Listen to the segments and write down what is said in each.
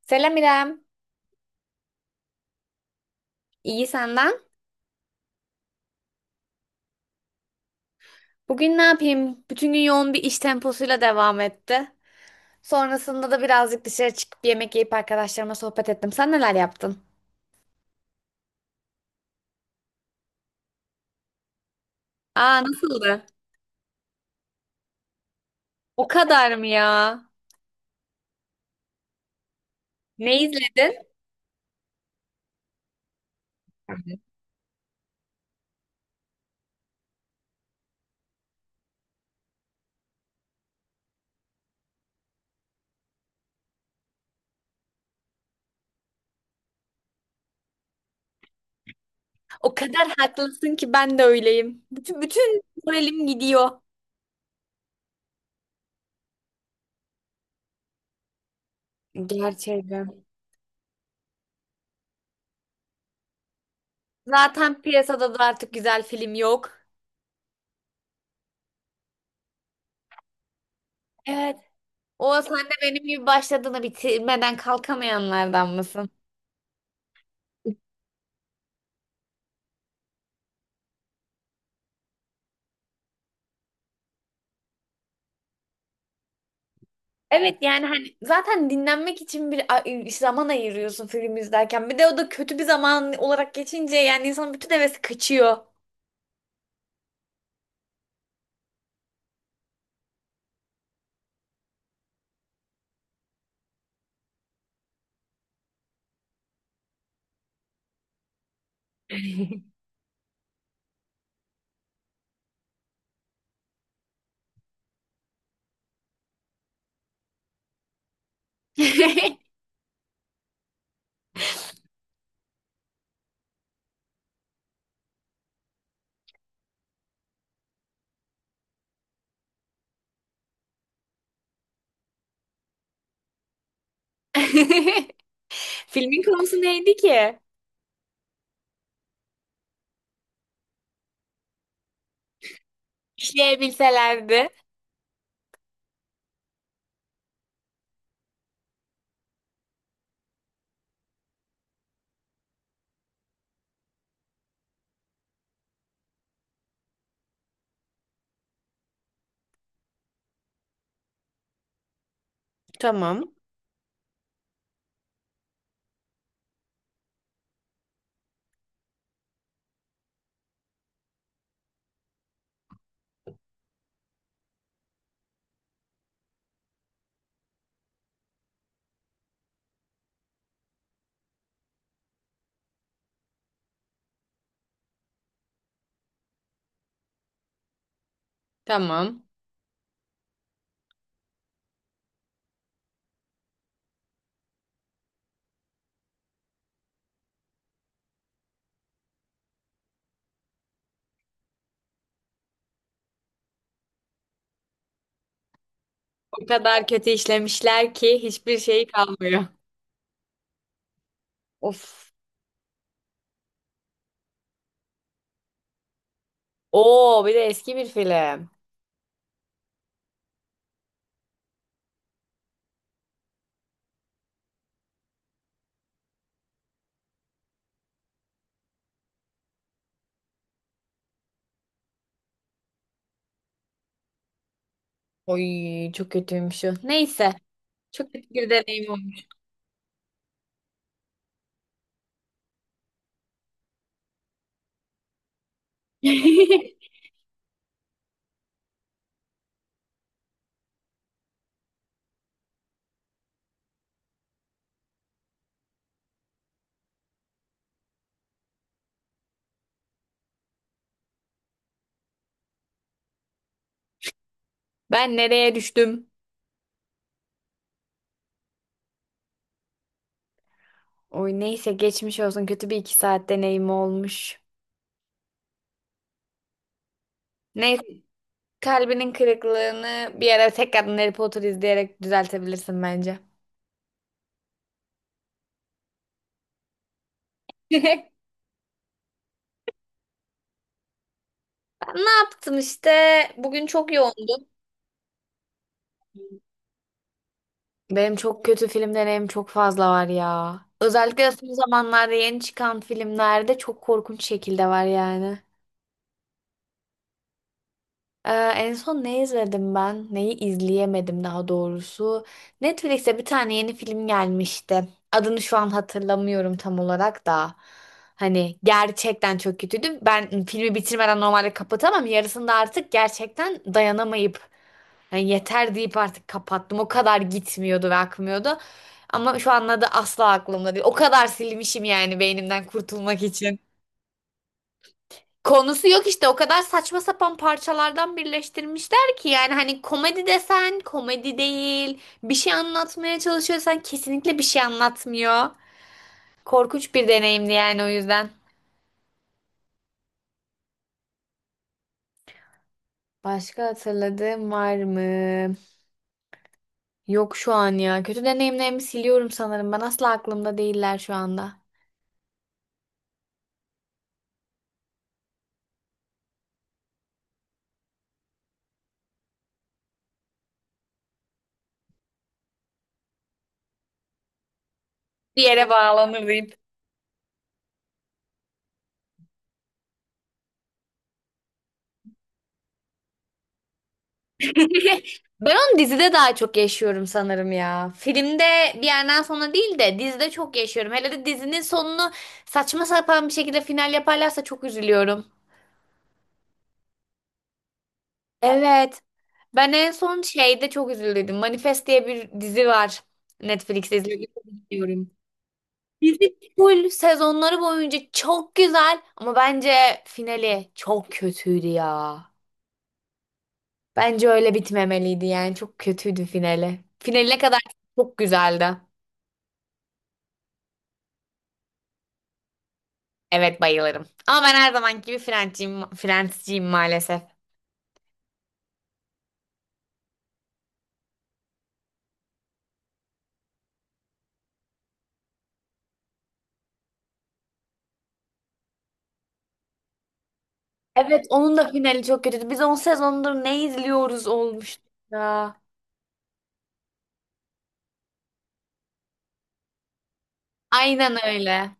Selam İrem. İyi senden. Bugün ne yapayım? Bütün gün yoğun bir iş temposuyla devam etti. Sonrasında da birazcık dışarı çıkıp yemek yiyip arkadaşlarıma sohbet ettim. Sen neler yaptın? Aa, nasıldı? O kadar mı ya? Ne izledin? O kadar haklısın ki ben de öyleyim. Bütün bütün moralim gidiyor. Gerçekten. Zaten piyasada da artık güzel film yok. Evet. O sen de benim gibi başladığını bitirmeden kalkamayanlardan mısın? Evet, yani hani zaten dinlenmek için zaman ayırıyorsun film izlerken. Bir de o da kötü bir zaman olarak geçince yani insanın bütün hevesi kaçıyor. Filmin konusu neydi ki? İşleyebilselerdi. Tamam. Tamam. O kadar kötü işlemişler ki hiçbir şeyi kalmıyor. Of. Oo, bir de eski bir film. Oy, çok kötüymüş o. Neyse. Çok kötü bir deneyim olmuş. Ben nereye düştüm? Oy, neyse, geçmiş olsun, kötü bir iki saat deneyim olmuş. Neyse, kalbinin kırıklığını bir ara tekrardan Harry Potter izleyerek düzeltebilirsin bence. Ben ne yaptım işte, bugün çok yoğundum. Benim çok kötü film deneyim çok fazla var ya. Özellikle son zamanlarda yeni çıkan filmlerde çok korkunç şekilde var yani. Ee, En son ne izledim ben? Neyi izleyemedim daha doğrusu. Netflix'te bir tane yeni film gelmişti. Adını şu an hatırlamıyorum tam olarak da. Hani gerçekten çok kötüydü. Ben filmi bitirmeden normalde kapatamam. Yarısında artık gerçekten dayanamayıp yani yeter deyip artık kapattım. O kadar gitmiyordu ve akmıyordu. Ama şu an adı asla aklımda değil. O kadar silmişim yani beynimden kurtulmak için. Konusu yok işte, o kadar saçma sapan parçalardan birleştirmişler ki yani hani komedi desen komedi değil, bir şey anlatmaya çalışıyorsan kesinlikle bir şey anlatmıyor. Korkunç bir deneyimdi yani o yüzden. Başka hatırladığım var mı? Yok şu an ya. Kötü deneyimlerimi siliyorum sanırım. Ben asla aklımda değiller şu anda. Bir yere bağlanır diyeyim. Ben onu dizide daha çok yaşıyorum sanırım ya. Filmde bir yerden sonra değil de dizide çok yaşıyorum. Hele de dizinin sonunu saçma sapan bir şekilde final yaparlarsa çok üzülüyorum. Evet. Ben en son şeyde çok üzüldüm. Manifest diye bir dizi var. Netflix'te izledim. Bilmiyorum. Dizi full sezonları boyunca çok güzel ama bence finali çok kötüydü ya. Bence öyle bitmemeliydi, yani çok kötüydü finali. Finali ne kadar çok güzeldi. Evet, bayılırım. Ama ben her zamanki gibi Friends'ciyim maalesef. Evet, onun da finali çok kötüydü. Biz 10 sezondur ne izliyoruz olmuştu ya. Aynen öyle.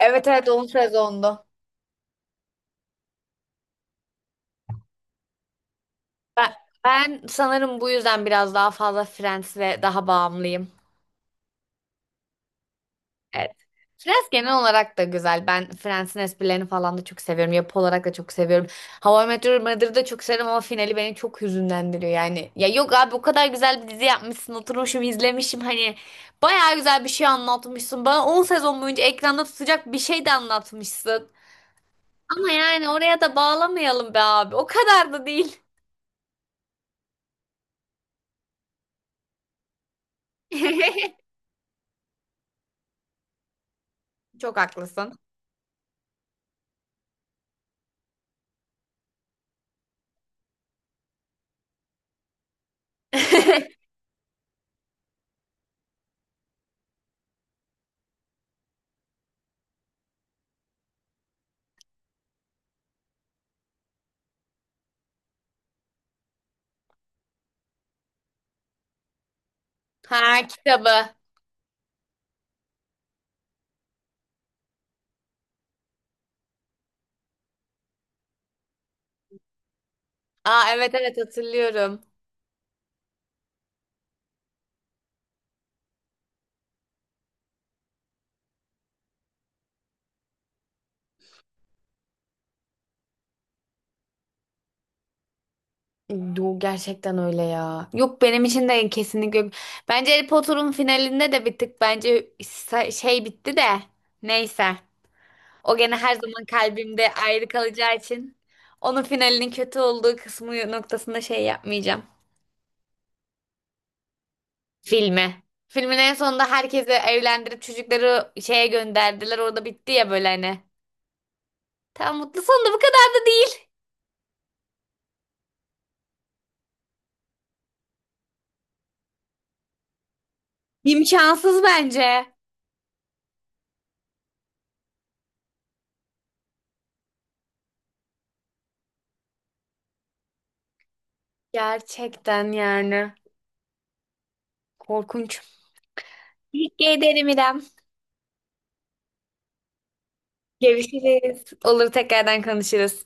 Evet, evet, 10 sezondu. Ben, ben sanırım bu yüzden biraz daha fazla Friends'e daha bağımlıyım. Evet. Friends genel olarak da güzel. Ben Friends'in esprilerini falan da çok seviyorum. Yapı olarak da çok seviyorum. How I Met Your Mother'ı da çok severim ama finali beni çok hüzünlendiriyor yani. Ya yok abi, o kadar güzel bir dizi yapmışsın. Oturmuşum izlemişim hani. Bayağı güzel bir şey anlatmışsın. Bana 10 sezon boyunca ekranda tutacak bir şey de anlatmışsın. Ama yani oraya da bağlamayalım be abi. O kadar da değil. Çok haklısın. Ha, kitabı. Aa, evet, evet, hatırlıyorum. Yo, gerçekten öyle ya. Yok, benim için de kesinlikle yok. Bence Harry Potter'ın finalinde de bir tık bence şey bitti de neyse. O gene her zaman kalbimde ayrı kalacağı için onun finalinin kötü olduğu kısmı noktasında şey yapmayacağım. Filmi. Filmin en sonunda herkesi evlendirip çocukları şeye gönderdiler. Orada bitti ya böyle hani. Tam mutlu sonunda bu kadar da değil. İmkansız bence. Gerçekten yani. Korkunç. Teşekkür ederim İrem. Görüşürüz. Olur, tekrardan konuşuruz.